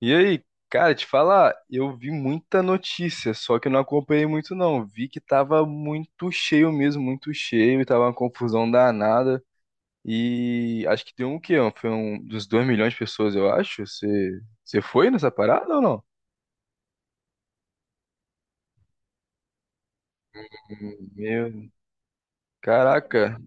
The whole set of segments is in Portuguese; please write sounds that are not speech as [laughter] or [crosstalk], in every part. E aí, cara, te falar, eu vi muita notícia, só que eu não acompanhei muito não. Vi que tava muito cheio mesmo, muito cheio, e tava uma confusão danada. E acho que deu um quê? Foi um dos 2 milhões de pessoas, eu acho. Você foi nessa parada ou não? Meu, caraca,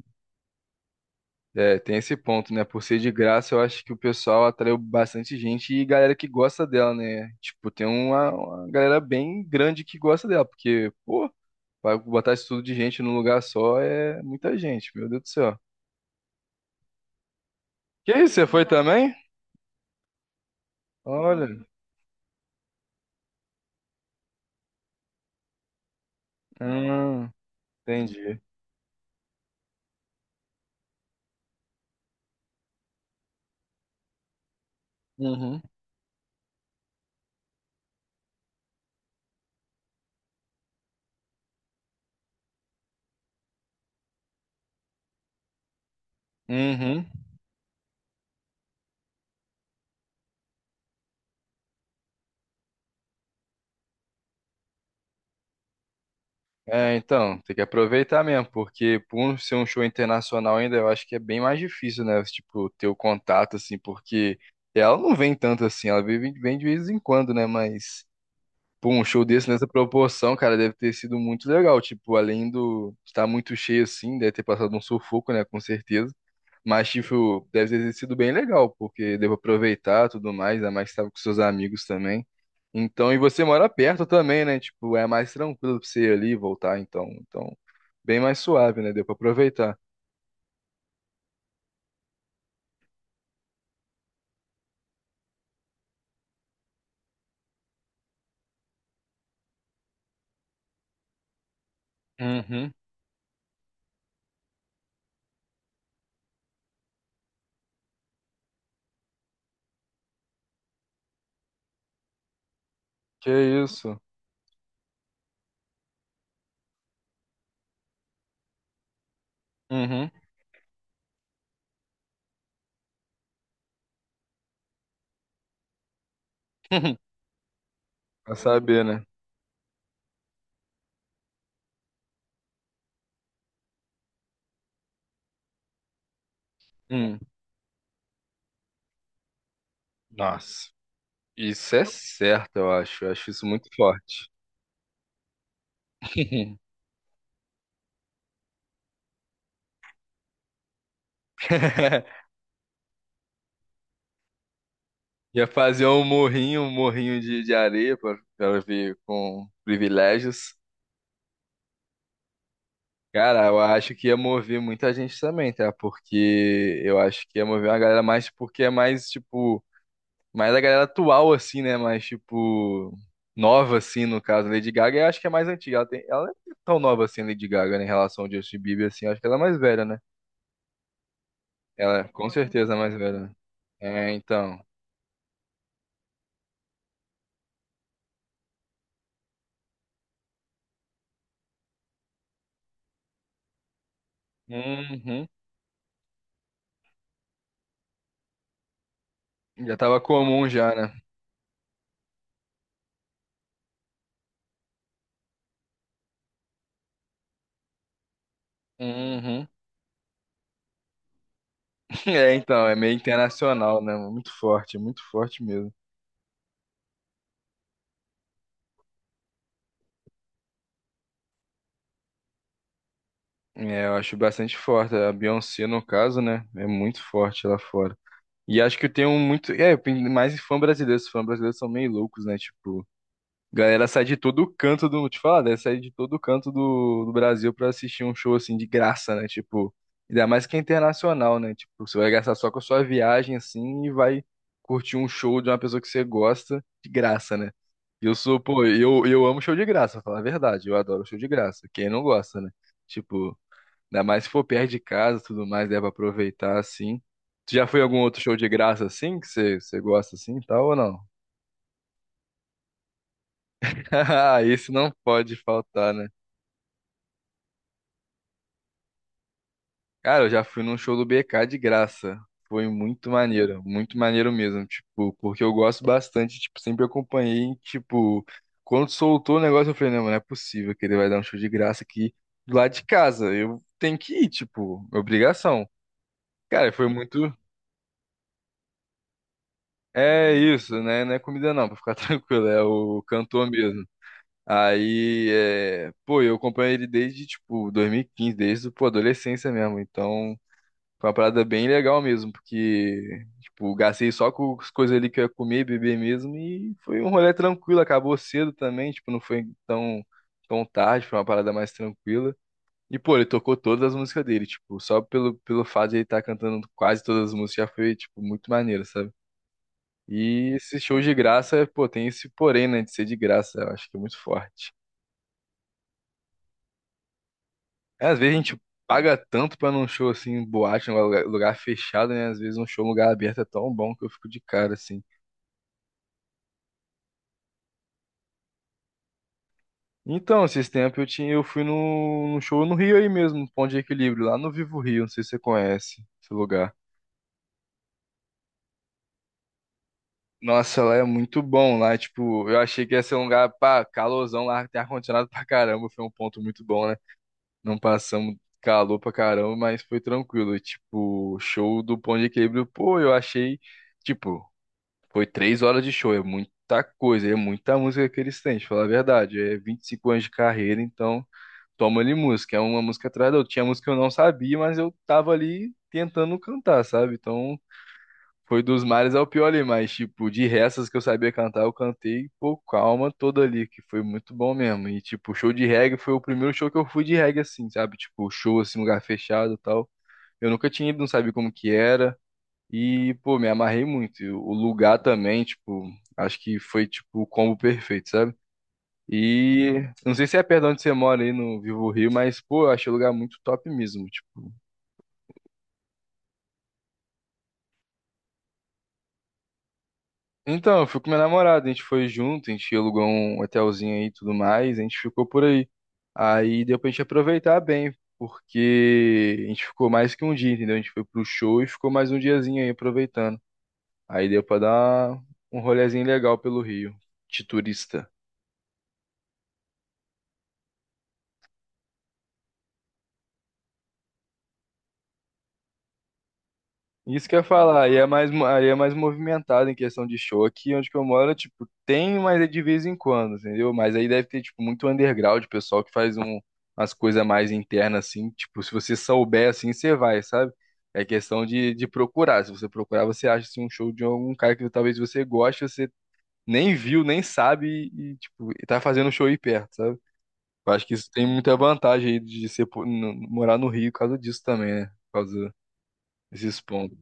é, tem esse ponto, né? Por ser de graça, eu acho que o pessoal atraiu bastante gente e galera que gosta dela, né? Tipo, tem uma galera bem grande que gosta dela, porque, pô. Vai botar isso tudo de gente num lugar só é muita gente, meu Deus do céu. Que isso, você foi também? Olha, hum, entendi. Uhum. Uhum. É, então, tem que aproveitar mesmo, porque ser um show internacional ainda, eu acho que é bem mais difícil, né? Tipo, ter o contato, assim, porque ela não vem tanto assim, ela vem de vez em quando, né? Mas, pô, um show desse nessa proporção, cara, deve ter sido muito legal. Tipo, além do estar muito cheio assim, deve ter passado um sufoco, né? Com certeza. Mas, tipo, deve ter sido bem legal, porque devo aproveitar tudo mais, ainda mais que estava com seus amigos também. Então, e você mora perto também, né? Tipo, é mais tranquilo pra você ir ali e voltar, então. Então, bem mais suave, né? Deu pra aproveitar. Uhum, que isso? Uhum. [laughs] Pra saber, né? Hum, nossa. Isso é certo, eu acho. Eu acho isso muito forte. [laughs] Ia fazer um morrinho de areia pra ver com privilégios. Cara, eu acho que ia mover muita gente também, tá? Porque eu acho que ia mover uma galera mais porque é mais, tipo, mais a galera atual, assim, né? Mais, tipo, nova, assim, no caso. Lady Gaga, eu acho que é mais antiga. Ela não é tão nova assim, Lady Gaga, né? Em relação ao Justin Bieber, assim. Eu acho que ela é mais velha, né? Ela, com certeza, é mais velha, né? É, então. Uhum. Já tava comum já, né? Uhum. [laughs] É, então, é meio internacional, né? Muito forte mesmo. É, eu acho bastante forte. A Beyoncé, no caso, né? É muito forte lá fora. E acho que eu tenho muito. É, tem mais fã brasileiro. Os fãs brasileiros são meio loucos, né? Tipo, galera sai de todo canto do. Te falar, né? Sai de todo canto do Brasil pra assistir um show assim de graça, né? Tipo, ainda mais que é internacional, né? Tipo, você vai gastar só com a sua viagem assim e vai curtir um show de uma pessoa que você gosta de graça, né? E Eu sou, pô, eu amo show de graça, pra falar a verdade. Eu adoro show de graça. Quem não gosta, né? Tipo. Ainda mais se for perto de casa, e tudo mais, dá pra aproveitar assim. Tu já foi em algum outro show de graça assim, que você gosta assim e tal ou não? [laughs] Isso não pode faltar, né? Cara, eu já fui num show do BK de graça. Foi muito maneiro mesmo, tipo, porque eu gosto bastante, tipo, sempre acompanhei, tipo, quando soltou o negócio eu falei, não, não é possível que ele vai dar um show de graça aqui do lado de casa. Eu tenho que ir, tipo, obrigação. Cara, foi muito. É isso, né? Não é comida não, pra ficar [laughs] tranquilo, é o cantor mesmo. Aí, pô, eu acompanho ele desde, tipo, 2015, desde, pô, adolescência mesmo. Então, foi uma parada bem legal mesmo, porque, tipo, gastei só com as coisas ali que eu ia comer, beber mesmo, e foi um rolê tranquilo, acabou cedo também, tipo, não foi tão tarde, foi uma parada mais tranquila. E, pô, ele tocou todas as músicas dele, tipo, só pelo fato de ele estar cantando quase todas as músicas já foi, tipo, muito maneiro, sabe? E esse show de graça, pô, tem esse porém, né, de ser de graça, eu acho que é muito forte. É, às vezes a gente paga tanto pra num show assim, boate, em um lugar, lugar fechado, né? Às vezes um show em lugar aberto é tão bom que eu fico de cara assim. Então, esses tempos eu fui num show no Rio aí mesmo, no Ponto de Equilíbrio, lá no Vivo Rio, não sei se você conhece esse lugar. Nossa, lá é muito bom, lá, tipo, eu achei que ia ser um lugar, pá, calorzão lá, tem ar-condicionado pra caramba, foi um ponto muito bom, né? Não passamos calor pra caramba, mas foi tranquilo. Tipo, show do Ponto de Equilíbrio, pô, eu achei. Tipo, foi 3 horas de show, é muita coisa, é muita música que eles têm, de falar a verdade. É 25 anos de carreira, então toma ali música. É uma música atrás da outra. Tinha música que eu não sabia, mas eu tava ali tentando cantar, sabe? Então foi dos mares ao pior ali, mas, tipo, de restas que eu sabia cantar, eu cantei, pô, com a alma toda ali, que foi muito bom mesmo. E, tipo, show de reggae foi o primeiro show que eu fui de reggae, assim, sabe? Tipo, show, assim, lugar fechado e tal. Eu nunca tinha ido, não sabia como que era. E, pô, me amarrei muito. E o lugar também, tipo, acho que foi, tipo, o combo perfeito, sabe? E não sei se é perto de onde você mora aí no Vivo Rio, mas, pô, eu achei o lugar muito top mesmo. Tipo, então, eu fui com minha namorada, a gente foi junto, a gente alugou um hotelzinho aí e tudo mais, a gente ficou por aí. Aí deu pra gente aproveitar bem, porque a gente ficou mais que um dia, entendeu? A gente foi pro show e ficou mais um diazinho aí aproveitando. Aí deu pra dar um rolezinho legal pelo Rio, de turista. Isso que eu ia falar, aí é mais, aí é mais movimentado em questão de show. Aqui onde que eu moro, tipo, tem, mas é de vez em quando, entendeu? Mas aí deve ter, tipo, muito underground, pessoal que faz umas coisas mais internas, assim. Tipo, se você souber, assim, você vai, sabe? É questão de procurar. Se você procurar, você acha, assim, um show de algum cara que talvez você goste, você nem viu, nem sabe e, tipo, e tá fazendo um show aí perto, sabe? Eu acho que isso tem muita vantagem aí de ser, morar no Rio por causa disso também, né? Por causa desses pontos.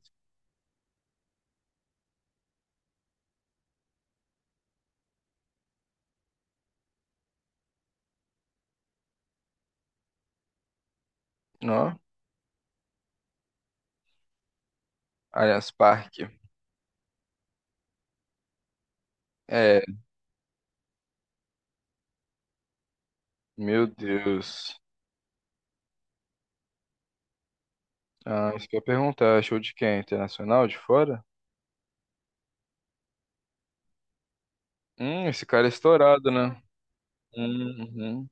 Allianz Parque. É, meu Deus. Ah, isso que eu ia perguntar. É show de quem? Internacional de fora? Esse cara é estourado, né? Uhum.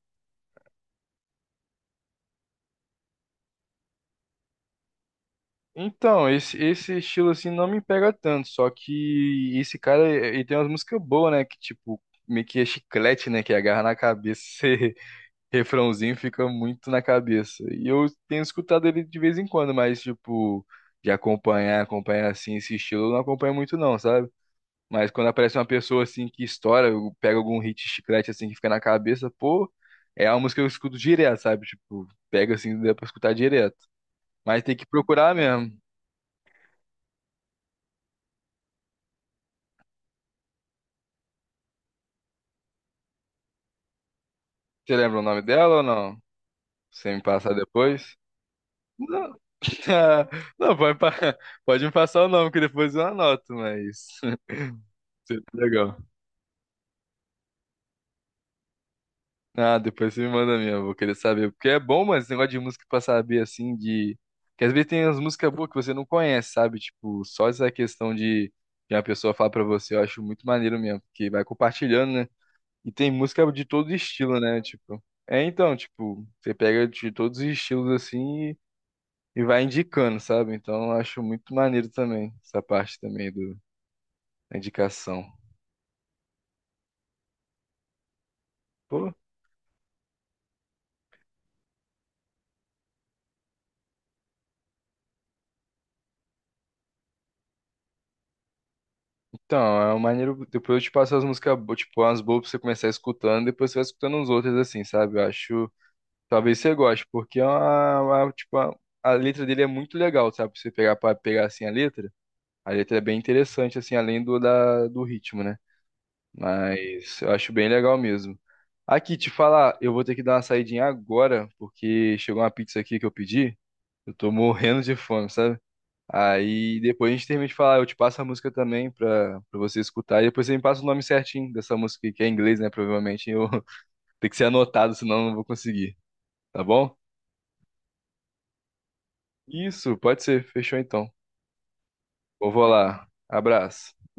Então, esse estilo assim não me pega tanto, só que esse cara, ele tem umas músicas boas, né? Que tipo, meio que é chiclete, né? Que agarra na cabeça, [laughs] esse refrãozinho fica muito na cabeça. E eu tenho escutado ele de vez em quando, mas tipo, de acompanhar, acompanhar assim esse estilo, eu não acompanho muito não, sabe? Mas quando aparece uma pessoa assim que estoura, eu pego algum hit chiclete assim que fica na cabeça, pô, é uma música que eu escuto direto, sabe? Tipo, pega assim, dá pra escutar direto. Mas tem que procurar mesmo. Você lembra o nome dela ou não? Você me passar depois? Não. [laughs] Não, pode me passar o nome, que depois eu anoto, mas. [laughs] Seria legal. Ah, depois você me manda mesmo, vou querer saber. Porque é bom, mano, esse negócio de música pra saber, assim, de. Que às vezes tem umas músicas boas que você não conhece, sabe? Tipo, só essa questão de uma pessoa falar pra você, eu acho muito maneiro mesmo, porque vai compartilhando, né? E tem música de todo estilo, né? Tipo. É então, tipo, você pega de todos os estilos assim e vai indicando, sabe? Então eu acho muito maneiro também, essa parte também da indicação. Pô. Então, é uma maneira. Depois eu te passo as músicas, tipo, umas boas pra você começar escutando, depois você vai escutando uns outros, assim, sabe? Eu acho. Talvez você goste, porque é tipo, a letra dele é muito legal, sabe? Pra você pegar pra pegar assim a letra. A letra é bem interessante, assim, além do ritmo, né? Mas eu acho bem legal mesmo. Aqui, te falar, eu vou ter que dar uma saidinha agora, porque chegou uma pizza aqui que eu pedi. Eu tô morrendo de fome, sabe? Aí depois a gente termina de falar, eu te passo a música também pra você escutar. E depois você me passa o nome certinho dessa música, que é em inglês, né? Provavelmente eu [laughs] tem que ser anotado, senão eu não vou conseguir. Tá bom? Isso, pode ser. Fechou então. Eu vou lá. Abraço.